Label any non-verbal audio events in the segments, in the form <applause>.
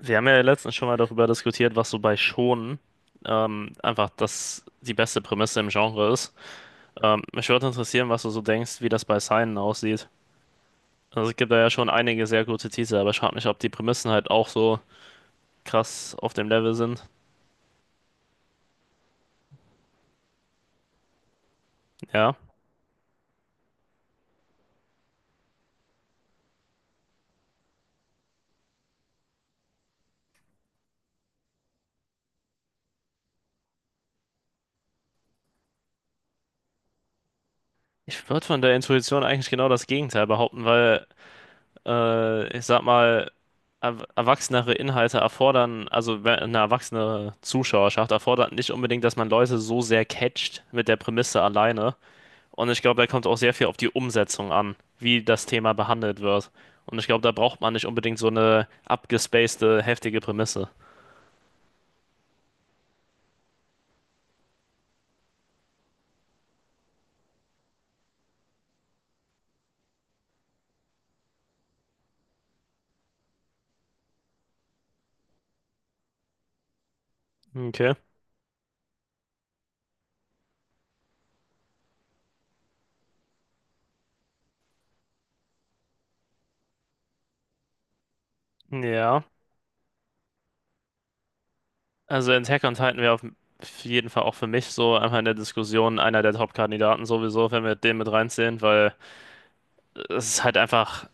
Wir haben ja letztens schon mal darüber diskutiert, was so bei Shonen einfach das die beste Prämisse im Genre ist. Mich würde interessieren, was du so denkst, wie das bei Seinen aussieht. Also es gibt da ja schon einige sehr gute Titel, aber ich frag mich, ob die Prämissen halt auch so krass auf dem Level sind. Ja. Ich würde von der Intuition eigentlich genau das Gegenteil behaupten, weil ich sag mal, er erwachsenere Inhalte erfordern, also eine erwachsene Zuschauerschaft erfordert nicht unbedingt, dass man Leute so sehr catcht mit der Prämisse alleine. Und ich glaube, da kommt auch sehr viel auf die Umsetzung an, wie das Thema behandelt wird. Und ich glaube, da braucht man nicht unbedingt so eine abgespacede, heftige Prämisse. Okay. Ja. Also Attack on Titan wäre auf jeden Fall auch für mich so einfach in der Diskussion einer der Top-Kandidaten sowieso, wenn wir den mit reinziehen, weil es ist halt einfach,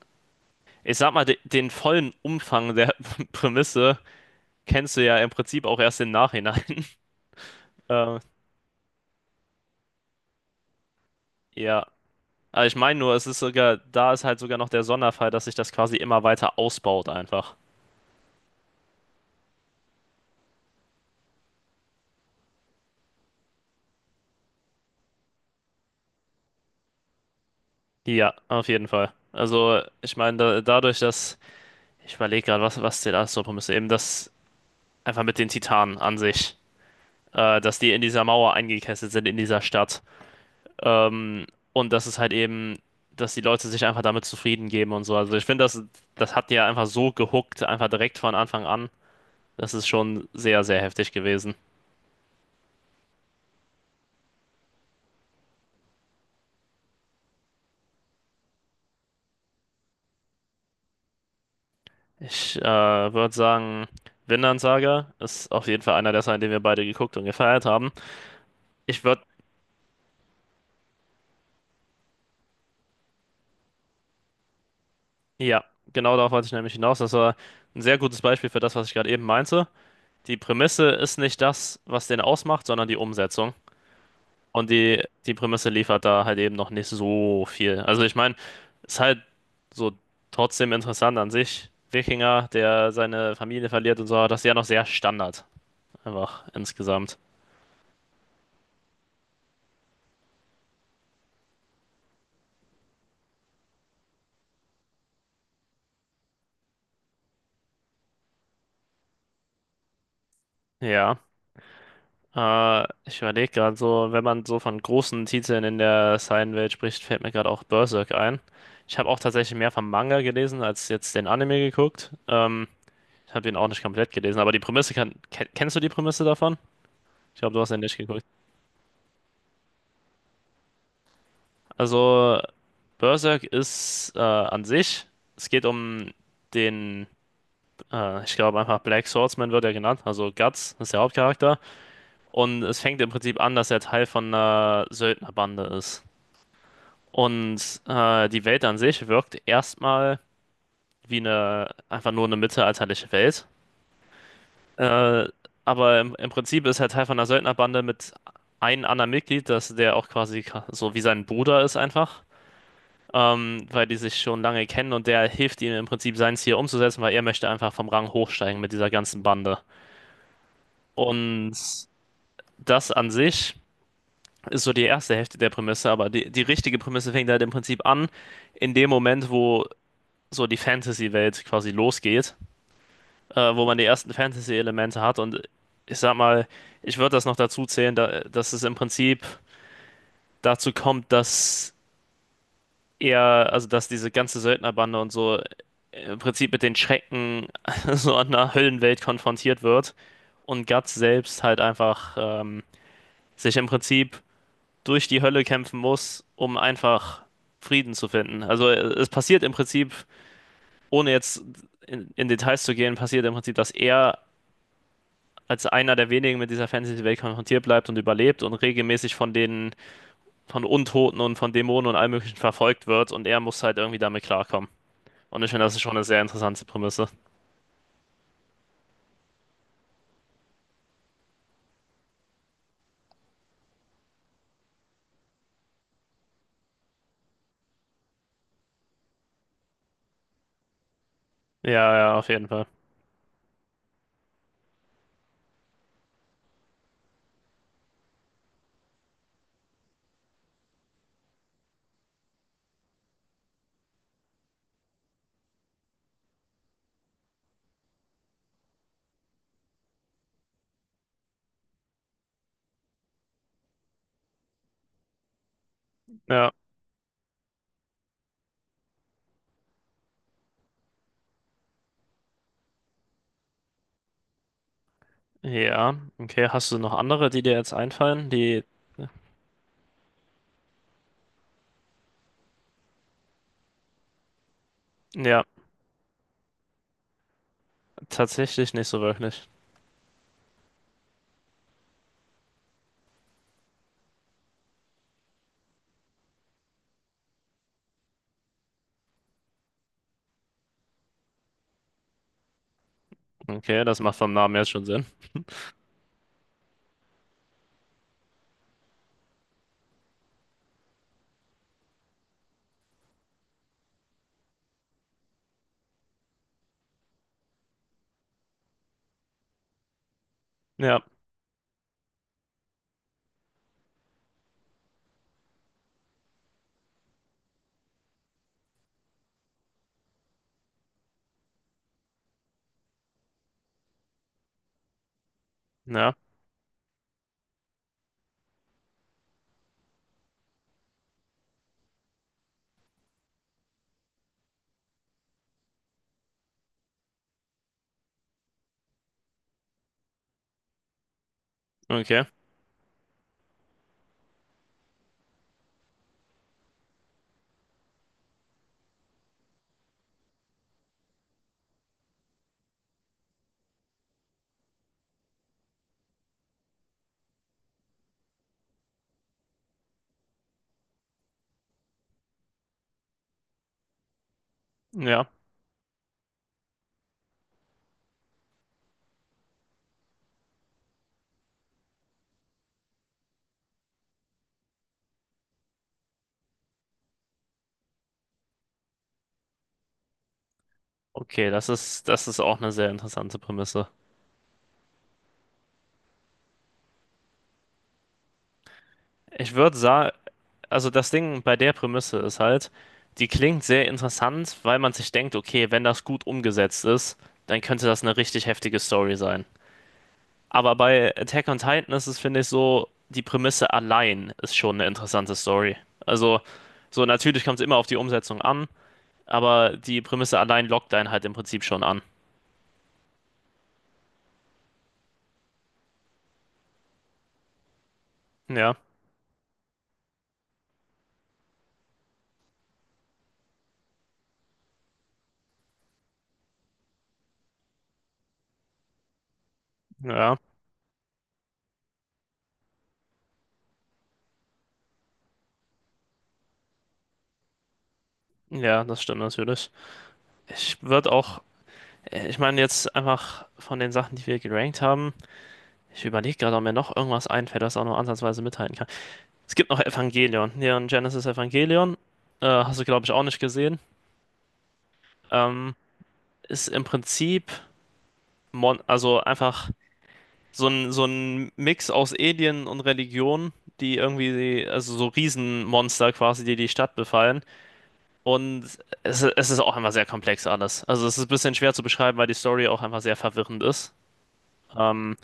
ich sag mal, de den vollen Umfang der <laughs> Prämisse kennst du ja im Prinzip auch erst im Nachhinein. <laughs> Ähm, ja. Aber ich meine nur, es ist sogar, da ist halt sogar noch der Sonderfall, dass sich das quasi immer weiter ausbaut einfach. Ja, auf jeden Fall. Also, ich meine, dadurch, dass, ich überlege gerade, was der alles so müsste, eben das einfach mit den Titanen an sich, dass die in dieser Mauer eingekesselt sind, in dieser Stadt. Ähm, und das ist halt eben, dass die Leute sich einfach damit zufrieden geben und so. Also, ich finde, das hat die ja einfach so gehuckt, einfach direkt von Anfang an. Das ist schon sehr, sehr heftig gewesen. Ich würde sagen, Vinland Saga ist auf jeden Fall einer der Sachen, den wir beide geguckt und gefeiert haben. Ich würde, ja, genau darauf wollte ich nämlich hinaus. Das war ein sehr gutes Beispiel für das, was ich gerade eben meinte. Die Prämisse ist nicht das, was den ausmacht, sondern die Umsetzung. Und die Prämisse liefert da halt eben noch nicht so viel. Also ich meine, ist halt so trotzdem interessant an sich. Wikinger, der seine Familie verliert und so, das ist ja noch sehr Standard. Einfach insgesamt. Ja. Ich überlege gerade so, wenn man so von großen Titeln in der seinen welt spricht, fällt mir gerade auch Berserk ein. Ich habe auch tatsächlich mehr vom Manga gelesen als jetzt den Anime geguckt. Ich habe den auch nicht komplett gelesen, aber die Prämisse kann. Ken kennst du die Prämisse davon? Ich glaube, du hast den nicht geguckt. Also, Berserk ist an sich, es geht um den, ich glaube einfach Black Swordsman wird er genannt, also Guts ist der Hauptcharakter. Und es fängt im Prinzip an, dass er Teil von einer Söldnerbande ist. Und die Welt an sich wirkt erstmal wie eine, einfach nur eine mittelalterliche Welt. Äh, aber im Prinzip ist er Teil von einer Söldnerbande mit einem anderen Mitglied, der auch quasi so wie sein Bruder ist einfach. Weil die sich schon lange kennen und der hilft ihm im Prinzip sein Ziel umzusetzen, weil er möchte einfach vom Rang hochsteigen mit dieser ganzen Bande. Und das an sich ist so die erste Hälfte der Prämisse, aber die richtige Prämisse fängt halt im Prinzip an, in dem Moment, wo so die Fantasy-Welt quasi losgeht, wo man die ersten Fantasy-Elemente hat. Und ich sag mal, ich würde das noch dazu zählen, dass es im Prinzip dazu kommt, dass er, also dass diese ganze Söldnerbande und so im Prinzip mit den Schrecken <laughs> so einer Höllenwelt konfrontiert wird und Guts selbst halt einfach sich im Prinzip durch die Hölle kämpfen muss, um einfach Frieden zu finden. Also es passiert im Prinzip, ohne jetzt in Details zu gehen, passiert im Prinzip, dass er als einer der wenigen mit dieser Fantasy-Welt konfrontiert bleibt und überlebt und regelmäßig von von Untoten und von Dämonen und allem Möglichen verfolgt wird und er muss halt irgendwie damit klarkommen. Und ich finde, das ist schon eine sehr interessante Prämisse. Ja, ja, auf jeden Fall. Ja, ja. Okay, hast du noch andere, die dir jetzt einfallen? Die, ja, tatsächlich nicht so wirklich. Okay, das macht vom Namen jetzt schon Sinn. Ja, ja, okay, ja. Okay, das ist auch eine sehr interessante Prämisse. Ich würde sagen, also das Ding bei der Prämisse ist halt, die klingt sehr interessant, weil man sich denkt, okay, wenn das gut umgesetzt ist, dann könnte das eine richtig heftige Story sein. Aber bei Attack on Titan ist es, finde ich, so, die Prämisse allein ist schon eine interessante Story. Also, so natürlich kommt es immer auf die Umsetzung an, aber die Prämisse allein lockt einen halt im Prinzip schon an. Ja, ja, ja, das stimmt natürlich. Ich würde auch, ich meine jetzt einfach von den Sachen, die wir gerankt haben. Ich überlege gerade, ob mir noch irgendwas einfällt, das auch nur ansatzweise mithalten kann. Es gibt noch Evangelion. Neon Genesis Evangelion. Hast du, glaube ich, auch nicht gesehen. Ähm, ist im Prinzip, mon also einfach so ein Mix aus Alien und Religion, die irgendwie, also so Riesenmonster quasi, die die Stadt befallen. Und es ist auch einfach sehr komplex alles. Also es ist ein bisschen schwer zu beschreiben, weil die Story auch einfach sehr verwirrend ist. Ähm,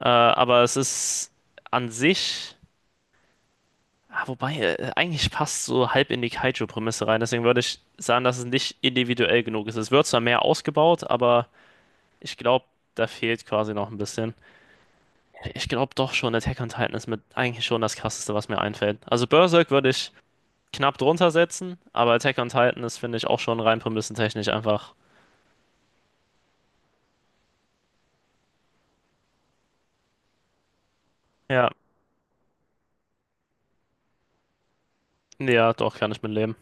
aber es ist an sich Ah, wobei, eigentlich passt so halb in die Kaiju-Prämisse rein. Deswegen würde ich sagen, dass es nicht individuell genug ist. Es wird zwar mehr ausgebaut, aber ich glaube, da fehlt quasi noch ein bisschen. Ich glaube doch schon, Attack on Titan ist mit eigentlich schon das Krasseste, was mir einfällt. Also Berserk würde ich knapp drunter setzen, aber Attack on Titan ist, finde ich, auch schon rein prämissentechnisch einfach. Ja, ja, doch, kann ich mit leben.